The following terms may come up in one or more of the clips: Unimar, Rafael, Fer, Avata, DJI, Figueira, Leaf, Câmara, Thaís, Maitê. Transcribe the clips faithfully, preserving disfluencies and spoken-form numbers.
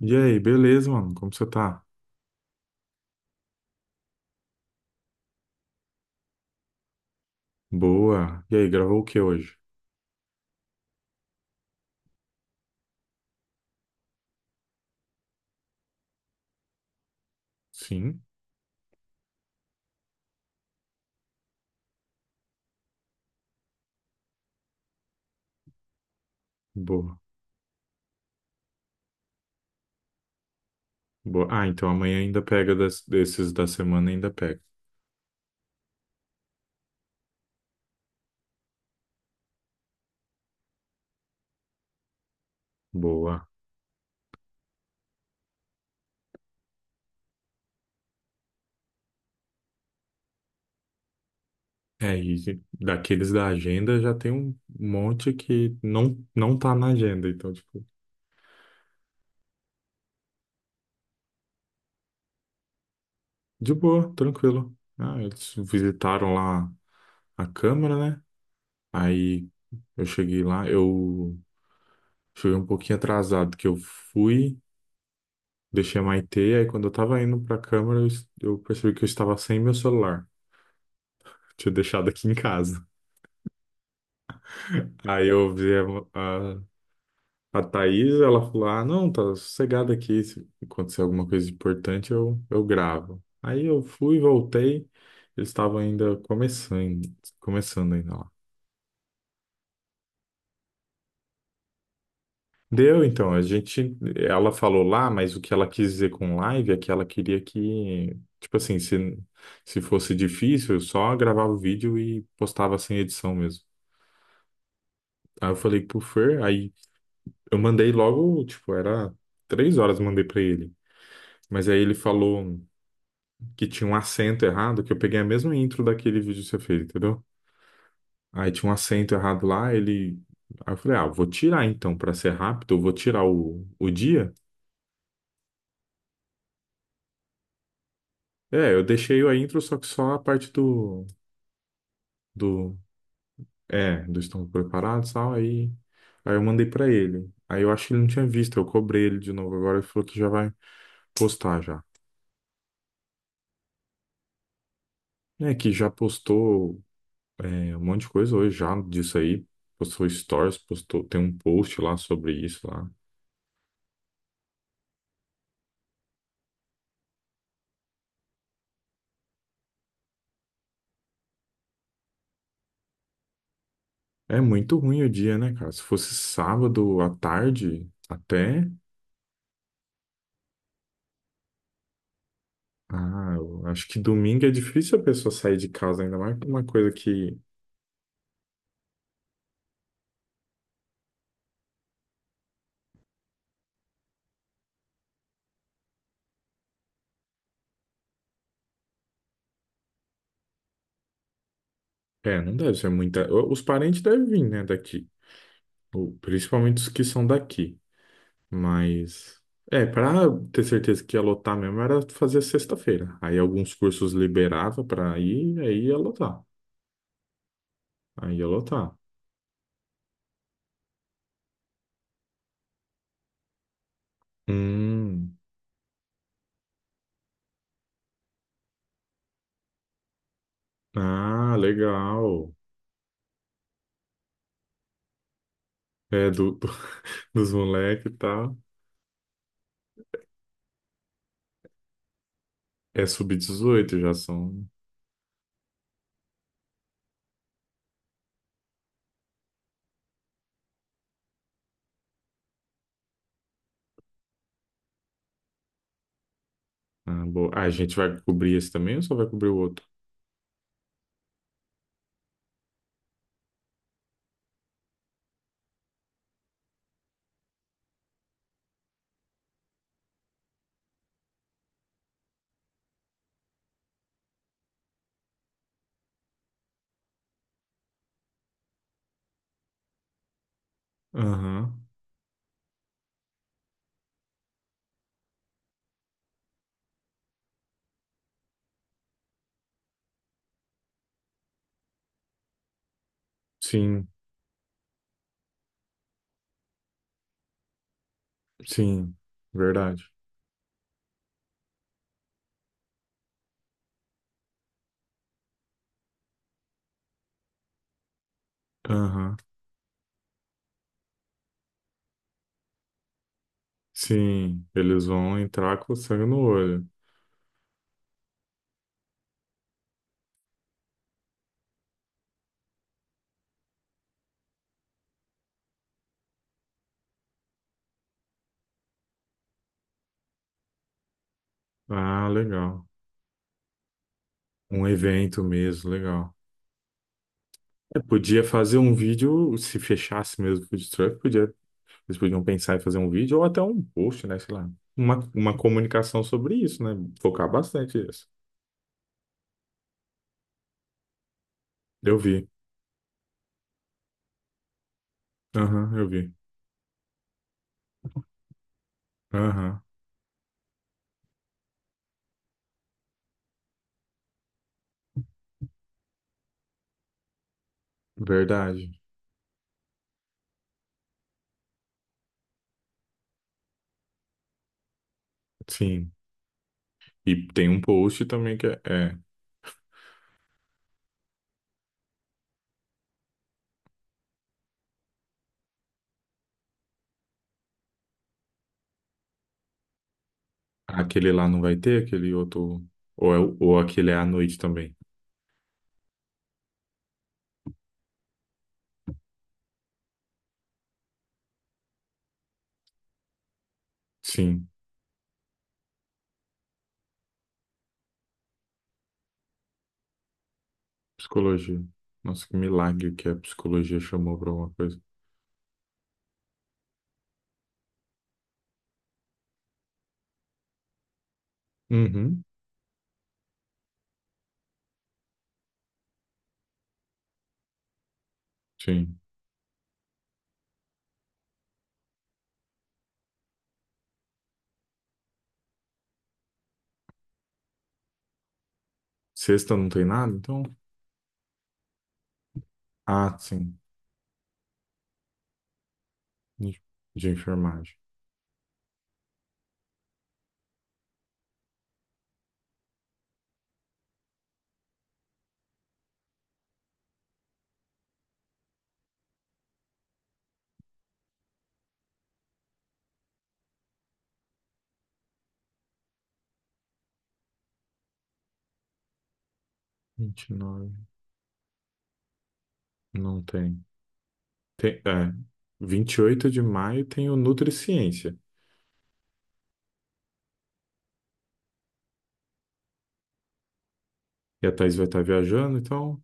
E aí, beleza, mano? Como você tá? Boa. E aí, gravou o que hoje? Sim? Boa. Boa. Ah, então amanhã ainda pega das- desses da semana, ainda pega. Boa. É, e daqueles da agenda já tem um monte que não, não tá na agenda, então, tipo, de boa, tranquilo. Ah, eles visitaram lá a Câmara, né? Aí eu cheguei lá, eu cheguei um pouquinho atrasado, que eu fui. Deixei a Maitê, aí quando eu tava indo pra câmara, eu, es- eu percebi que eu estava sem meu celular. Tinha deixado aqui em casa. Aí eu vi a, a, a Thaís, ela falou: Ah, não, tá sossegada aqui. Se acontecer alguma coisa importante, eu, eu gravo. Aí eu fui, voltei. Eles estavam ainda começando, começando ainda lá. Deu, então. A gente, ela falou lá, mas o que ela quis dizer com live é que ela queria que, tipo assim, se, se fosse difícil, eu só gravava o vídeo e postava sem edição mesmo. Aí eu falei pro Fer, aí eu mandei logo, tipo, era três horas, mandei pra ele. Mas aí ele falou que tinha um acento errado, que eu peguei a mesma intro daquele vídeo que você fez, entendeu? Aí tinha um acento errado lá, ele. Aí eu falei, ah, vou tirar então, pra ser rápido, eu vou tirar o, o dia. É, eu deixei a intro, só que só a parte do, do, é, do estamos preparados e tal, aí, aí eu mandei pra ele. Aí eu acho que ele não tinha visto, eu cobrei ele de novo agora, ele falou que já vai postar já. É, que já postou, é, um monte de coisa hoje já disso aí, postou stories, postou, tem um post lá sobre isso lá. É muito ruim o dia, né, cara? Se fosse sábado à tarde, até, ah, eu acho que domingo é difícil a pessoa sair de casa, ainda mais com uma coisa que É, não deve ser muita. o- Os parentes devem vir, né, daqui. Ou, principalmente os que são daqui. Mas. É, pra ter certeza que ia lotar mesmo era fazer sexta-feira. Aí alguns cursos liberava pra ir, aí ia lotar. Aí ia lotar. Hum. Ah, legal. É, do, do- dos moleques e tal. É sub dezoito, já são. Ah, boa. Ah, a gente vai cobrir esse também ou só vai cobrir o outro? Aham. Sim, sim. Verdade. Aham. Sim, eles vão entrar com sangue no olho. Ah, legal. Um evento mesmo, legal. É, podia fazer um vídeo, se fechasse mesmo o food truck, podia, eles podiam pensar em fazer um vídeo ou até um post, né? Sei lá. Uma, uma comunicação sobre isso, né? Focar bastante nisso. Eu vi. Aham, eu vi. Aham, verdade. Sim. E tem um post também que é, é aquele lá não vai ter, aquele outro. Ou, é, o- ou aquele é à noite também. Sim. Psicologia. Nossa, que milagre que a psicologia chamou pra alguma coisa. Uhum, sim. Sexta não tem nada, então? Ah, sim. De de enfermagem. Vinte e nove. Não tem. Tem, é, vinte e oito de maio tem o Nutriciência. E a Thaís vai estar viajando, então...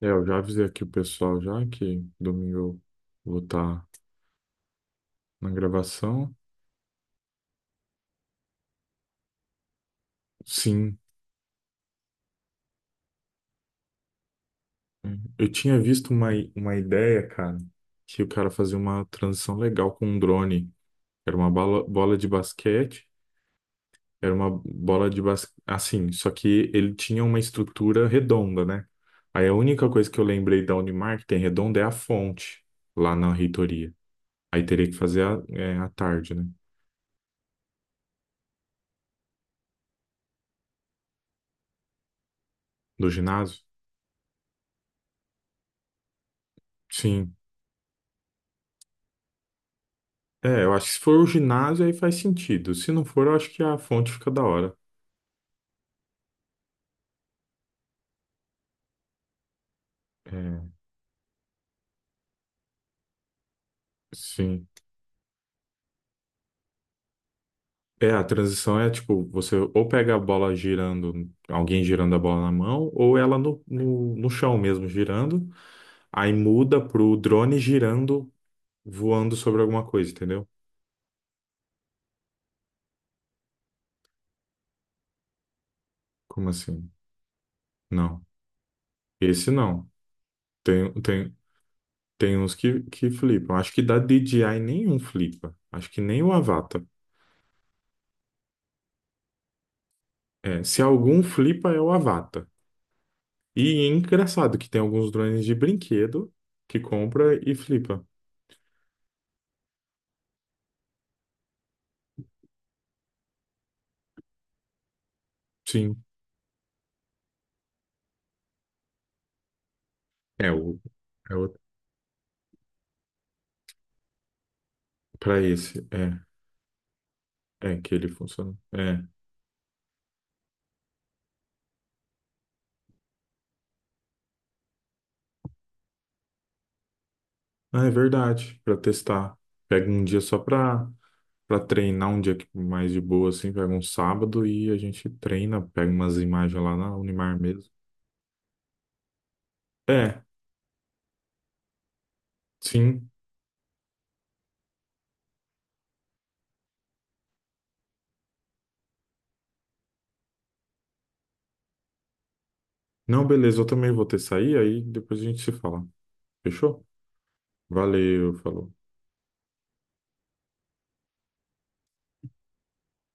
É, eu já avisei aqui o pessoal já que domingo eu vou estar na gravação. Sim. Eu tinha visto uma, i- uma ideia, cara, que o cara fazia uma transição legal com um drone. Era uma bola, bola de basquete, era uma bola de basquete, assim, só que ele tinha uma estrutura redonda, né? Aí a única coisa que eu lembrei da Unimar que tem redonda é a fonte, lá na reitoria. Aí teria que fazer a, é, à tarde, né? Do ginásio? Sim. É, eu acho que se for o ginásio aí faz sentido. Se não for, eu acho que a fonte fica da hora. É, sim. É, a transição é tipo, você ou pega a bola girando, alguém girando a bola na mão, ou ela no, no, no chão mesmo girando, aí muda pro drone girando, voando sobre alguma coisa, entendeu? Como assim? Não. Esse não. Tem, tem, tem uns que, que flipam. Acho que da D J I nenhum flipa. Acho que nem o Avata. É, se algum flipa, é o Avata. E é engraçado que tem alguns drones de brinquedo que compra e flipa. Sim. É o. É o. Para esse, é, é que ele funciona. É, ah, é verdade, para testar. Pega um dia só para para treinar, um dia que- mais de boa, assim, pega um sábado e a gente treina, pega umas imagens lá na Unimar mesmo. É, sim. Não, beleza, eu também vou ter que sair, aí depois a gente se fala. Fechou? Valeu, falou.